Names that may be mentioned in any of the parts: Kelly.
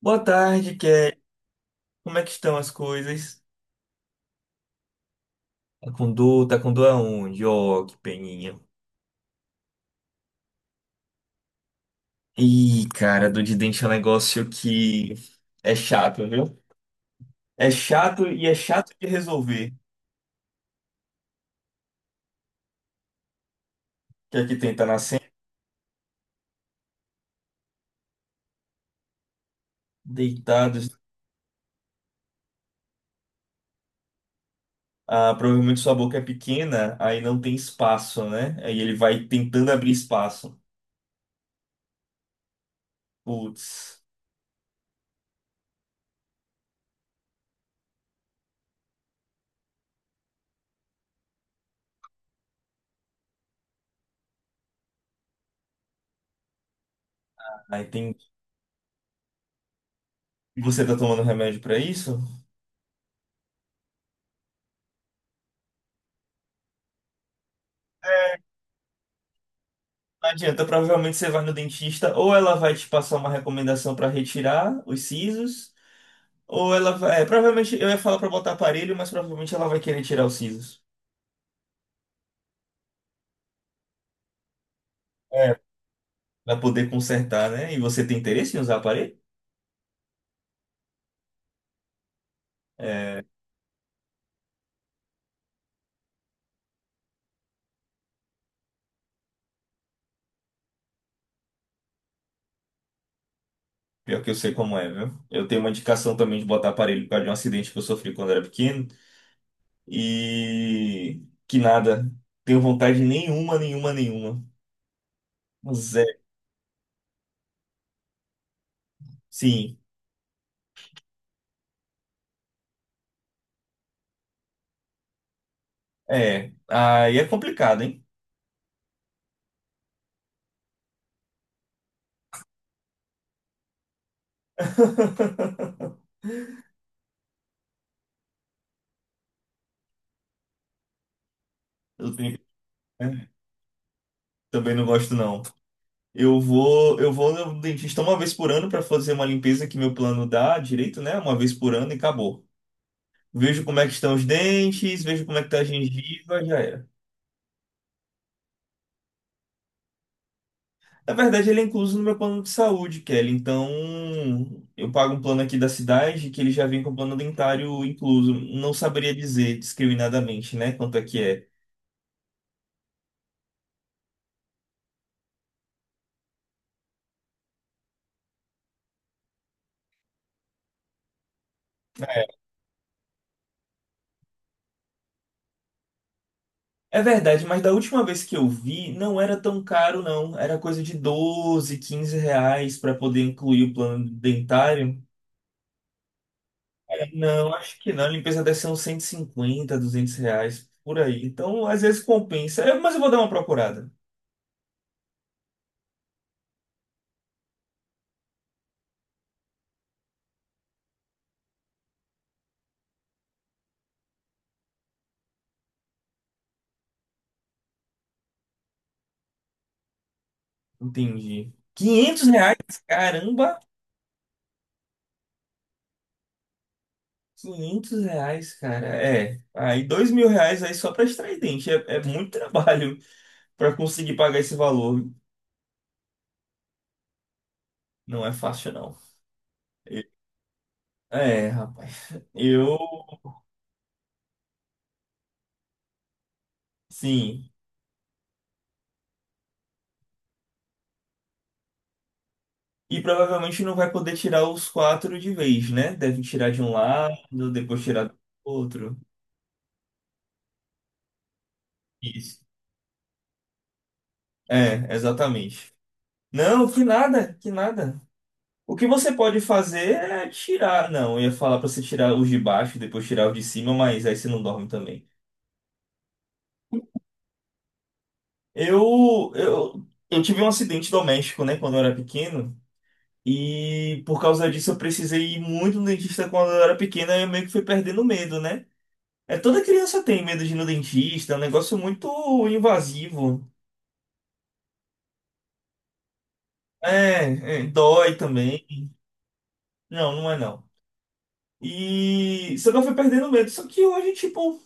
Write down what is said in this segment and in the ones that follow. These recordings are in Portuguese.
Boa tarde, Kelly. Como é que estão as coisas? Tá com dor? Tá com dor aonde? Ó, que peninha. Ih, cara, dor de dente é um negócio que é chato, viu? É chato e é chato de resolver. Que aqui tem, tá nascendo, deitados. Ah, provavelmente sua boca é pequena, aí não tem espaço, né? Aí ele vai tentando abrir espaço. Putz. Aí tem. E você tá tomando remédio pra isso? Não adianta, provavelmente você vai no dentista, ou ela vai te passar uma recomendação para retirar os sisos, ou ela vai. É, provavelmente eu ia falar para botar aparelho, mas provavelmente ela vai querer tirar os sisos. É. Para poder consertar, né? E você tem interesse em usar aparelho? É, pior que eu sei como é, viu? Eu tenho uma indicação também de botar aparelho por causa de um acidente que eu sofri quando era pequeno. E que nada. Tenho vontade nenhuma, nenhuma, nenhuma. Zero. Sim. É. Aí é complicado, hein? Eu tenho. Também não gosto, não. Eu vou no dentista uma vez por ano para fazer uma limpeza que meu plano dá direito, né? Uma vez por ano e acabou. Vejo como é que estão os dentes, vejo como é que tá a gengiva, já era. Na verdade, ele é incluso no meu plano de saúde, Kelly. Então, eu pago um plano aqui da cidade que ele já vem com plano dentário incluso. Não saberia dizer discriminadamente, né, quanto é que é. É verdade, mas da última vez que eu vi, não era tão caro, não. Era coisa de 12, R$ 15 para poder incluir o plano dentário. É, não, acho que não. A limpeza deve ser uns 150, R$ 200 por aí. Então, às vezes compensa. É, mas eu vou dar uma procurada. Entendi. R$ 500? Caramba! R$ 500, cara. É. Aí, R$ 2.000 aí só para extrair dente. É, é muito trabalho para conseguir pagar esse valor. Não é fácil, não. É, rapaz. Eu Sim. E provavelmente não vai poder tirar os quatro de vez, né? Deve tirar de um lado, depois tirar do outro. Isso. É, exatamente. Não, que nada, que nada. O que você pode fazer é tirar. Não, eu ia falar pra você tirar os de baixo, depois tirar os de cima, mas aí você não dorme também. Eu tive um acidente doméstico, né, quando eu era pequeno. E por causa disso eu precisei ir muito no dentista quando eu era pequena e eu meio que fui perdendo medo, né? É, toda criança tem medo de ir no dentista, é um negócio muito invasivo. É, é, dói também. Não, não é não. E só que eu fui perdendo medo. Só que hoje, tipo,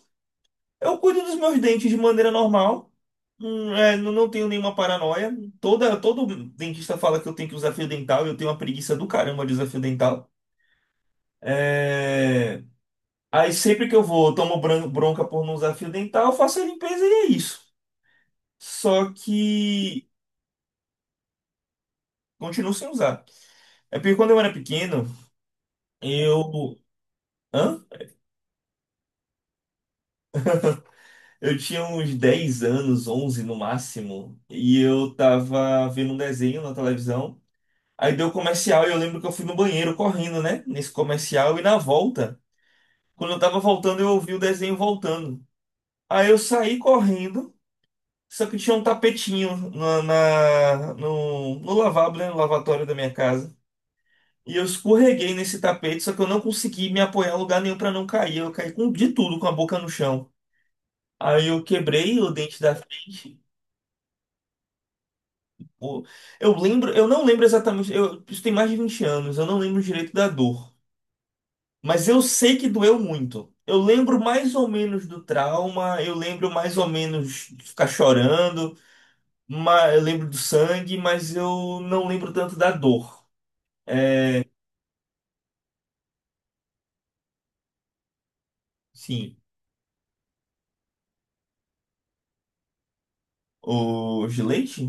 eu cuido dos meus dentes de maneira normal. É, não, não tenho nenhuma paranoia. Todo dentista fala que eu tenho que usar fio dental e eu tenho uma preguiça do caramba de usar fio dental. É, aí sempre que eu vou, eu tomo bronca por não usar fio dental, eu faço a limpeza e é isso. Só que continuo sem usar. É porque quando eu era pequeno. Eu, Hã? Eu tinha uns 10 anos, 11 no máximo, e eu tava vendo um desenho na televisão. Aí deu comercial e eu lembro que eu fui no banheiro correndo, né? Nesse comercial e na volta. Quando eu tava voltando, eu ouvi o desenho voltando. Aí eu saí correndo, só que tinha um tapetinho no lavabo, né? No lavatório da minha casa. E eu escorreguei nesse tapete, só que eu não consegui me apoiar em lugar nenhum pra não cair. Eu caí com de tudo, com a boca no chão. Aí eu quebrei o dente da frente. O- Eu lembro, eu não lembro exatamente, isso tem mais de 20 anos, eu não lembro direito da dor. Mas eu sei que doeu muito. Eu lembro mais ou menos do trauma, eu lembro mais ou menos de ficar chorando, eu lembro do sangue, mas eu não lembro tanto da dor. Sim. O gilete?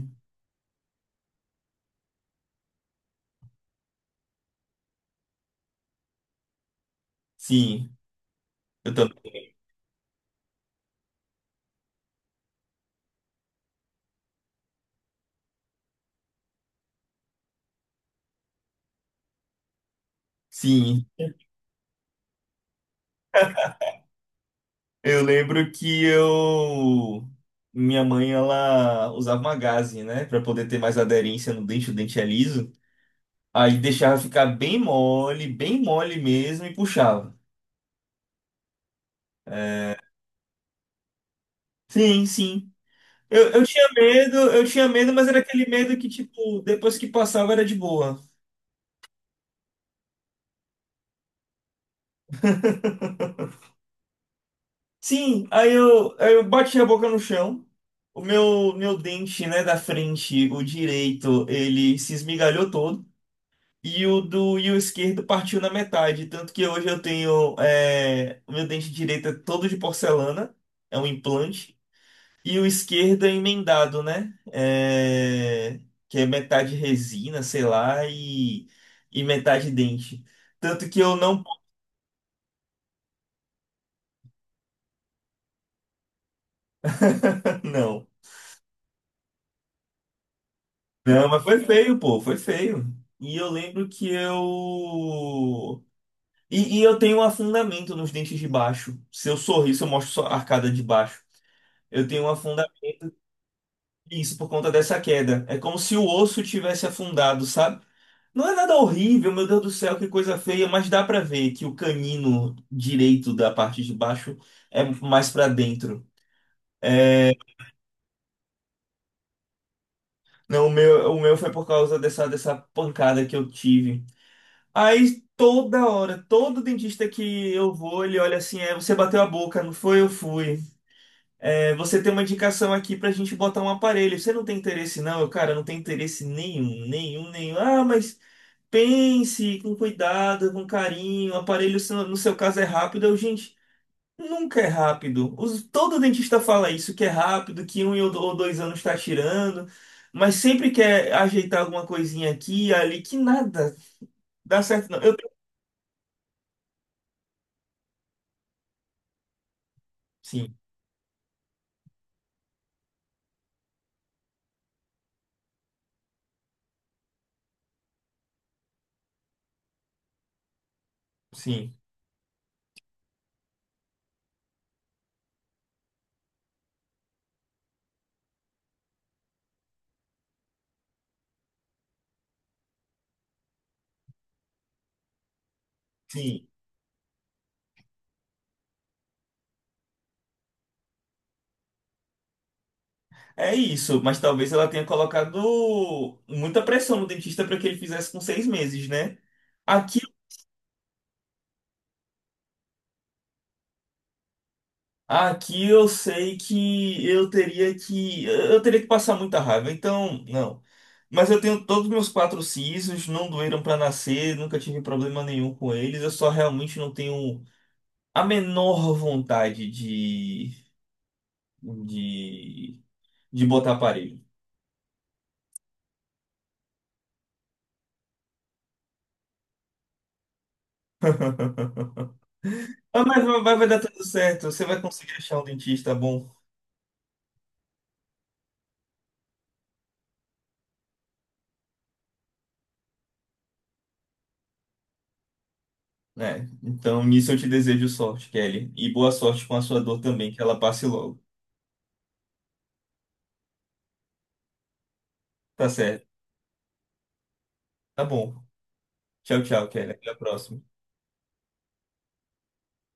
Sim, eu também. Sim. Eu lembro que eu. Minha mãe, ela usava uma gaze, né? Pra poder ter mais aderência no dente, o dente é liso. Aí deixava ficar bem mole mesmo e puxava. Sim, sim. Eu tinha medo, eu tinha medo, mas era aquele medo que, tipo, depois que passava era de boa. Sim, aí eu bati a boca no chão. O meu dente, né, da frente, o direito, ele se esmigalhou todo. E o esquerdo partiu na metade. Tanto que hoje eu tenho. É, o meu dente direito é todo de porcelana, é um implante. E o esquerdo é emendado, né? É, que é metade resina, sei lá, e metade dente. Tanto que eu não. Não. Não, mas foi feio, pô, foi feio. E eu lembro que eu. E eu tenho um afundamento nos dentes de baixo. Se eu sorrir, se eu mostro só a arcada de baixo. Eu tenho um afundamento. Isso por conta dessa queda. É como se o osso tivesse afundado, sabe? Não é nada horrível, meu Deus do céu, que coisa feia, mas dá pra ver que o canino direito da parte de baixo é mais pra dentro. É, não, o meu foi por causa dessa pancada que eu tive. Aí toda hora, todo dentista que eu vou, ele olha assim: é, você bateu a boca, não foi? Eu fui. É, você tem uma indicação aqui pra gente botar um aparelho. Você não tem interesse, não? Eu, cara, não tenho interesse nenhum, nenhum, nenhum. Ah, mas. Pense com cuidado, com carinho. O aparelho, se no seu caso, é rápido. Eu, gente, nunca é rápido. Todo dentista fala isso, que é rápido, que um ou 2 anos está tirando, mas sempre quer ajeitar alguma coisinha aqui, ali, que nada dá certo, não. Sim, sim, sim. É isso, mas talvez ela tenha colocado muita pressão no dentista para que ele fizesse com 6 meses, né? Aqui Aqui eu sei que eu teria que passar muita raiva. Então, não. Mas eu tenho todos os meus quatro sisos, não doeram para nascer, nunca tive problema nenhum com eles. Eu só realmente não tenho a menor vontade de, de, de, botar aparelho. Ah, mas vai dar tudo certo, você vai conseguir achar um dentista bom. É, então nisso eu te desejo sorte, Kelly. E boa sorte com a sua dor também, que ela passe logo. Tá certo, tá bom. Tchau, tchau, Kelly. Até a próxima.